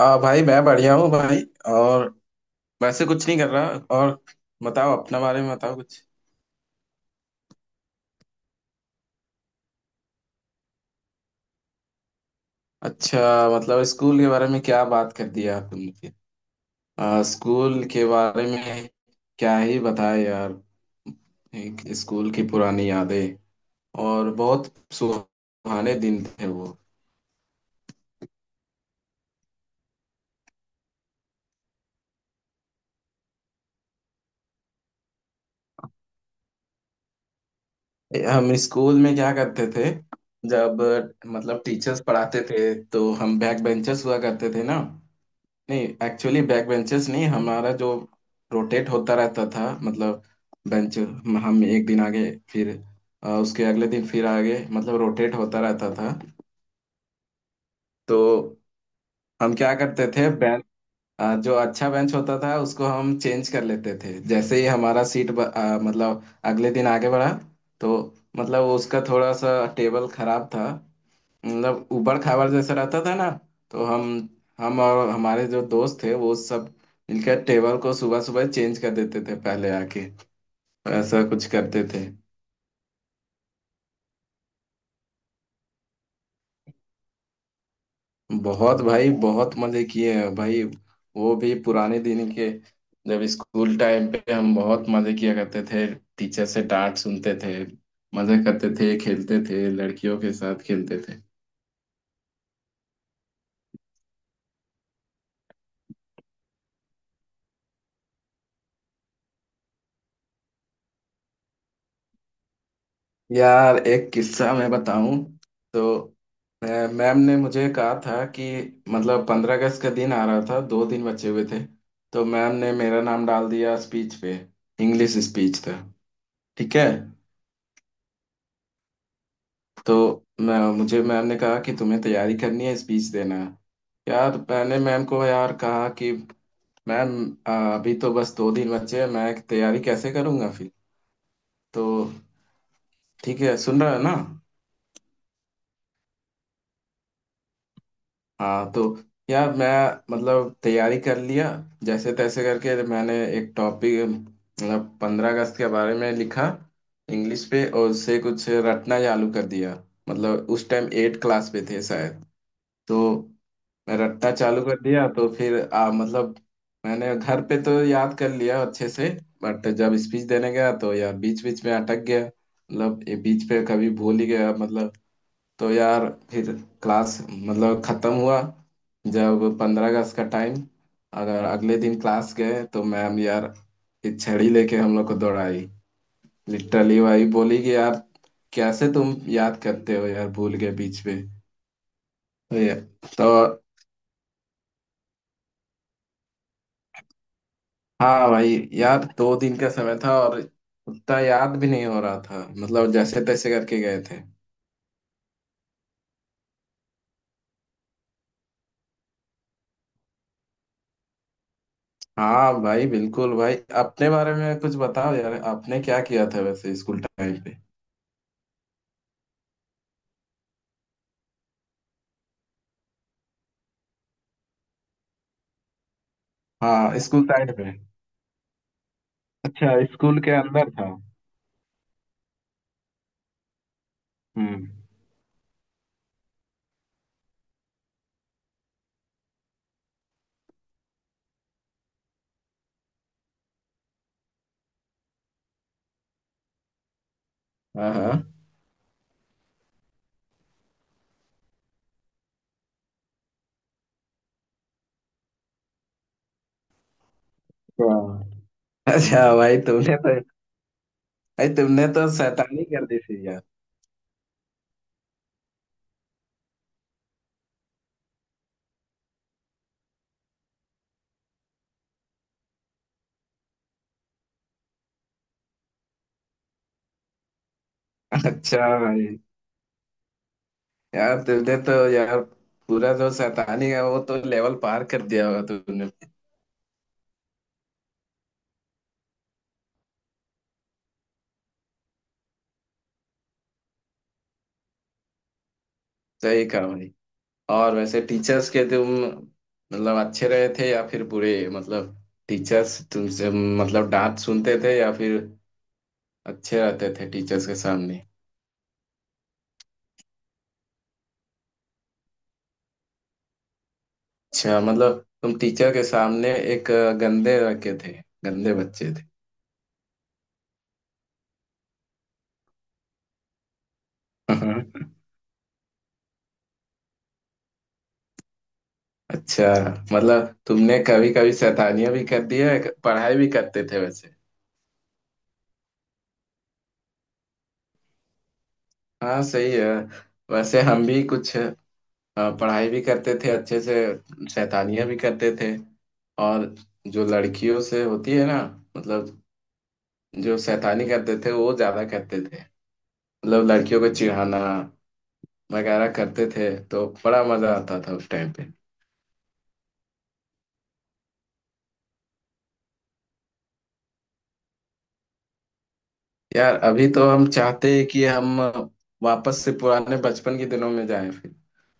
आ भाई मैं बढ़िया हूँ भाई। और वैसे कुछ नहीं कर रहा। और बताओ, अपना बारे में बताओ कुछ। अच्छा, मतलब स्कूल के बारे में क्या बात कर दी यार तुमने फिर। स्कूल के बारे में क्या ही बताए यार। एक स्कूल की पुरानी यादें, और बहुत सुहाने दिन थे वो। हम स्कूल में क्या करते थे, जब मतलब टीचर्स पढ़ाते थे तो हम बैक बेंचर्स हुआ करते थे ना। नहीं एक्चुअली बैक बेंचेस नहीं, हमारा जो रोटेट होता रहता था मतलब, बेंच हम एक दिन आगे, फिर उसके अगले दिन फिर आगे, मतलब रोटेट होता रहता था। तो हम क्या करते थे, बेंच जो अच्छा बेंच होता था उसको हम चेंज कर लेते थे। जैसे ही हमारा सीट मतलब अगले दिन आगे बढ़ा, तो मतलब उसका थोड़ा सा टेबल खराब था, मतलब ऊबड़ खाबड़ जैसा रहता था ना। तो हम और हमारे जो दोस्त थे वो सब मिलकर टेबल को सुबह सुबह चेंज कर देते थे पहले आके। ऐसा कुछ करते थे। बहुत भाई, बहुत मजे किए हैं भाई। वो भी पुराने दिन के, जब स्कूल टाइम पे हम बहुत मजे किया करते थे। टीचर से डांट सुनते थे, मजे करते थे, खेलते थे, लड़कियों के साथ खेलते थे। यार एक किस्सा मैं बताऊं तो, अ, मैम ने मुझे कहा था कि मतलब 15 अगस्त का दिन आ रहा था, दो दिन बचे हुए थे। तो मैम ने मेरा नाम डाल दिया स्पीच पे, इंग्लिश स्पीच था। ठीक है। तो मैं मुझे मैम ने कहा कि तुम्हें तैयारी करनी है, स्पीच देना है। यार मैंने मैम को यार कहा कि मैम, अ, अभी तो बस दो दिन बचे हैं, मैं तैयारी कैसे करूंगा फिर। तो ठीक है, सुन रहा है ना। हाँ तो यार मैं मतलब तैयारी कर लिया, जैसे तैसे करके। मैंने एक टॉपिक मतलब 15 अगस्त के बारे में लिखा इंग्लिश पे, और उससे कुछ रटना चालू कर दिया। मतलब उस टाइम एट क्लास पे थे शायद। तो मैं रटना चालू कर दिया, तो फिर मतलब मैंने घर पे तो याद कर लिया अच्छे से, बट जब स्पीच देने गया तो यार बीच बीच में अटक गया, मतलब ये बीच पे कभी भूल ही गया मतलब। तो यार फिर क्लास मतलब खत्म हुआ, जब 15 अगस्त का टाइम, अगर अगले दिन क्लास गए, तो मैम यार एक छड़ी लेके हम लोग को दौड़ाई। लिटरली वही बोली कि यार कैसे तुम याद करते हो यार, भूल गए बीच में। तो ये- तो हाँ भाई यार, दो दिन का समय था और उतना याद भी नहीं हो रहा था, मतलब जैसे तैसे करके गए थे। हाँ भाई बिल्कुल भाई। अपने बारे में कुछ बताओ यार, आपने क्या किया था वैसे स्कूल टाइम पे। हाँ स्कूल टाइम पे। अच्छा स्कूल के अंदर था। हम्म। हाँ हाँ हाँ। अच्छा भाई, तुमने तो भाई तुमने तो शैतानी कर दी थी यार। अच्छा भाई, यार तुमने तो यार पूरा जो शैतानी है वो तो लेवल पार कर दिया होगा तुमने। सही कहा भाई। और वैसे टीचर्स के तुम मतलब अच्छे रहे थे या फिर बुरे, मतलब टीचर्स तुमसे मतलब डांट सुनते थे या फिर अच्छे रहते थे टीचर्स के सामने। अच्छा, मतलब तुम टीचर के सामने एक गंदे लड़के थे, गंदे बच्चे थे। अच्छा, मतलब तुमने कभी कभी शैतानियां भी कर दी है, पढ़ाई भी करते थे वैसे। हाँ सही है। वैसे हम भी कुछ पढ़ाई भी करते थे अच्छे से, शैतानियां भी करते थे। और जो लड़कियों से होती है ना, मतलब जो शैतानी करते थे वो ज्यादा करते थे। मतलब लड़कियों को चिढ़ाना वगैरह करते थे, तो बड़ा मजा आता था उस टाइम पे। यार अभी तो हम चाहते हैं कि हम वापस से पुराने बचपन के दिनों में जाएं फिर,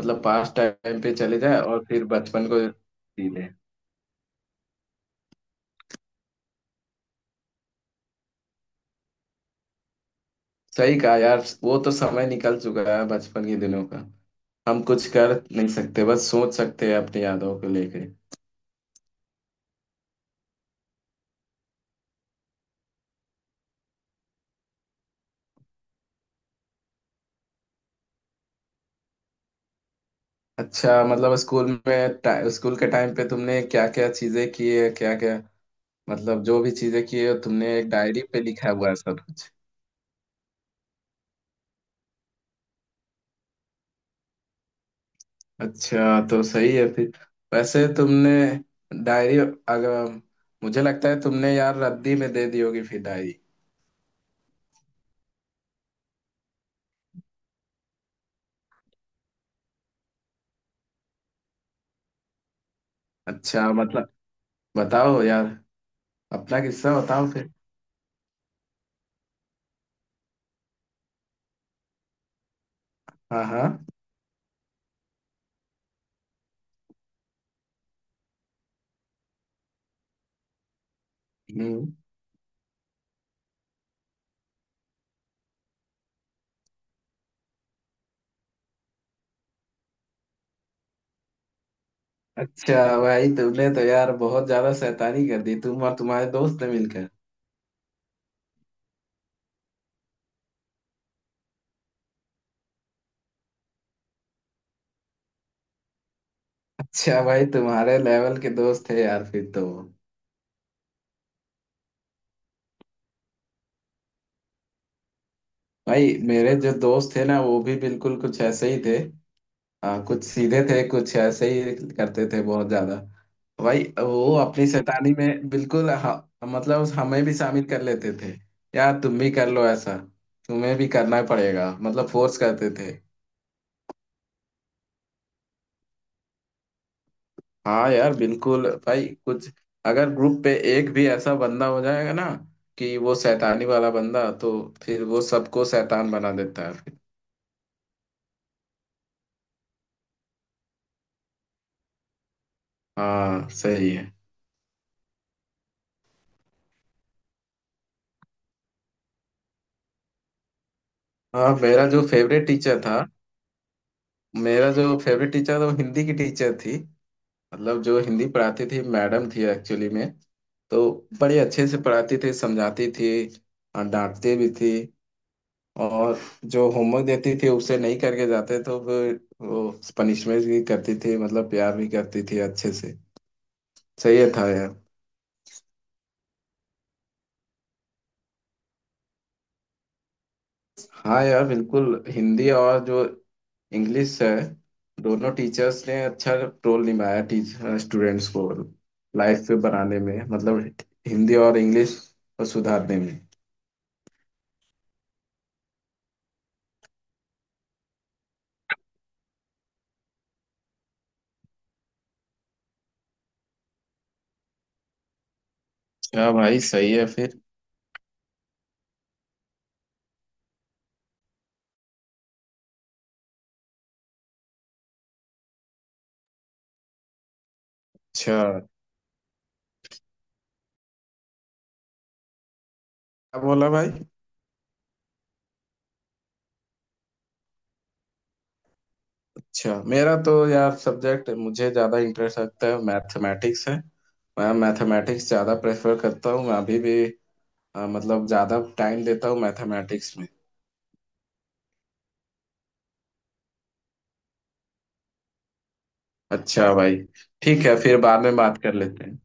मतलब पास्ट टाइम पे चले जाएं और फिर बचपन को जी लें। सही कहा यार, वो तो समय निकल चुका है बचपन के दिनों का। हम कुछ कर नहीं सकते, बस सोच सकते हैं अपनी यादों को लेके। अच्छा, मतलब स्कूल में स्कूल के टाइम पे तुमने क्या क्या चीजें की है, क्या क्या मतलब जो भी चीजें की है तुमने एक डायरी पे लिखा हुआ है सब। अच्छा तो सही है फिर। वैसे तुमने डायरी अगर, मुझे लगता है तुमने यार रद्दी में दे दी होगी फिर डायरी। अच्छा मतलब बताओ यार, अपना किस्सा बताओ फिर। हाँ हाँ। हम्म। अच्छा भाई, तुमने तो यार बहुत ज्यादा शैतानी कर दी, तुम और तुम्हारे दोस्त ने मिलकर। अच्छा भाई, तुम्हारे लेवल के दोस्त थे यार फिर तो। भाई मेरे जो दोस्त थे ना वो भी बिल्कुल कुछ ऐसे ही थे। हाँ कुछ सीधे थे, कुछ ऐसे ही करते थे बहुत ज्यादा। भाई वो अपनी शैतानी में बिल्कुल, मतलब हमें भी शामिल कर लेते थे। यार तुम भी कर लो ऐसा, तुम्हें भी करना पड़ेगा, मतलब फोर्स करते थे। हाँ यार बिल्कुल भाई, कुछ अगर ग्रुप पे एक भी ऐसा बंदा हो जाएगा ना, कि वो शैतानी वाला बंदा, तो फिर वो सबको शैतान बना देता है फिर। हाँ सही है। हाँ मेरा जो फेवरेट टीचर था, मेरा जो फेवरेट टीचर था वो हिंदी की टीचर थी। मतलब जो हिंदी पढ़ाती थी मैडम थी एक्चुअली में। तो बड़े अच्छे से पढ़ाती थी, समझाती थी, और डांटती भी थी। और जो होमवर्क देती थी उसे नहीं करके जाते तो फिर वो पनिशमेंट भी करती थी, मतलब प्यार भी करती थी अच्छे से। सही है था यार। हाँ यार बिल्कुल, हिंदी और जो इंग्लिश है, दोनों टीचर्स ने अच्छा रोल निभाया टीचर स्टूडेंट्स को लाइफ पे बनाने में, मतलब हिंदी और इंग्लिश को सुधारने में। क्या भाई सही है फिर। अच्छा, क्या बोला भाई। अच्छा मेरा तो यार सब्जेक्ट मुझे ज्यादा इंटरेस्ट लगता है मैथमेटिक्स है। मैं मैथमेटिक्स ज्यादा प्रेफर करता हूँ, मैं अभी भी मतलब ज्यादा टाइम देता हूँ मैथमेटिक्स में। अच्छा भाई, ठीक है फिर, बाद में बात कर लेते हैं।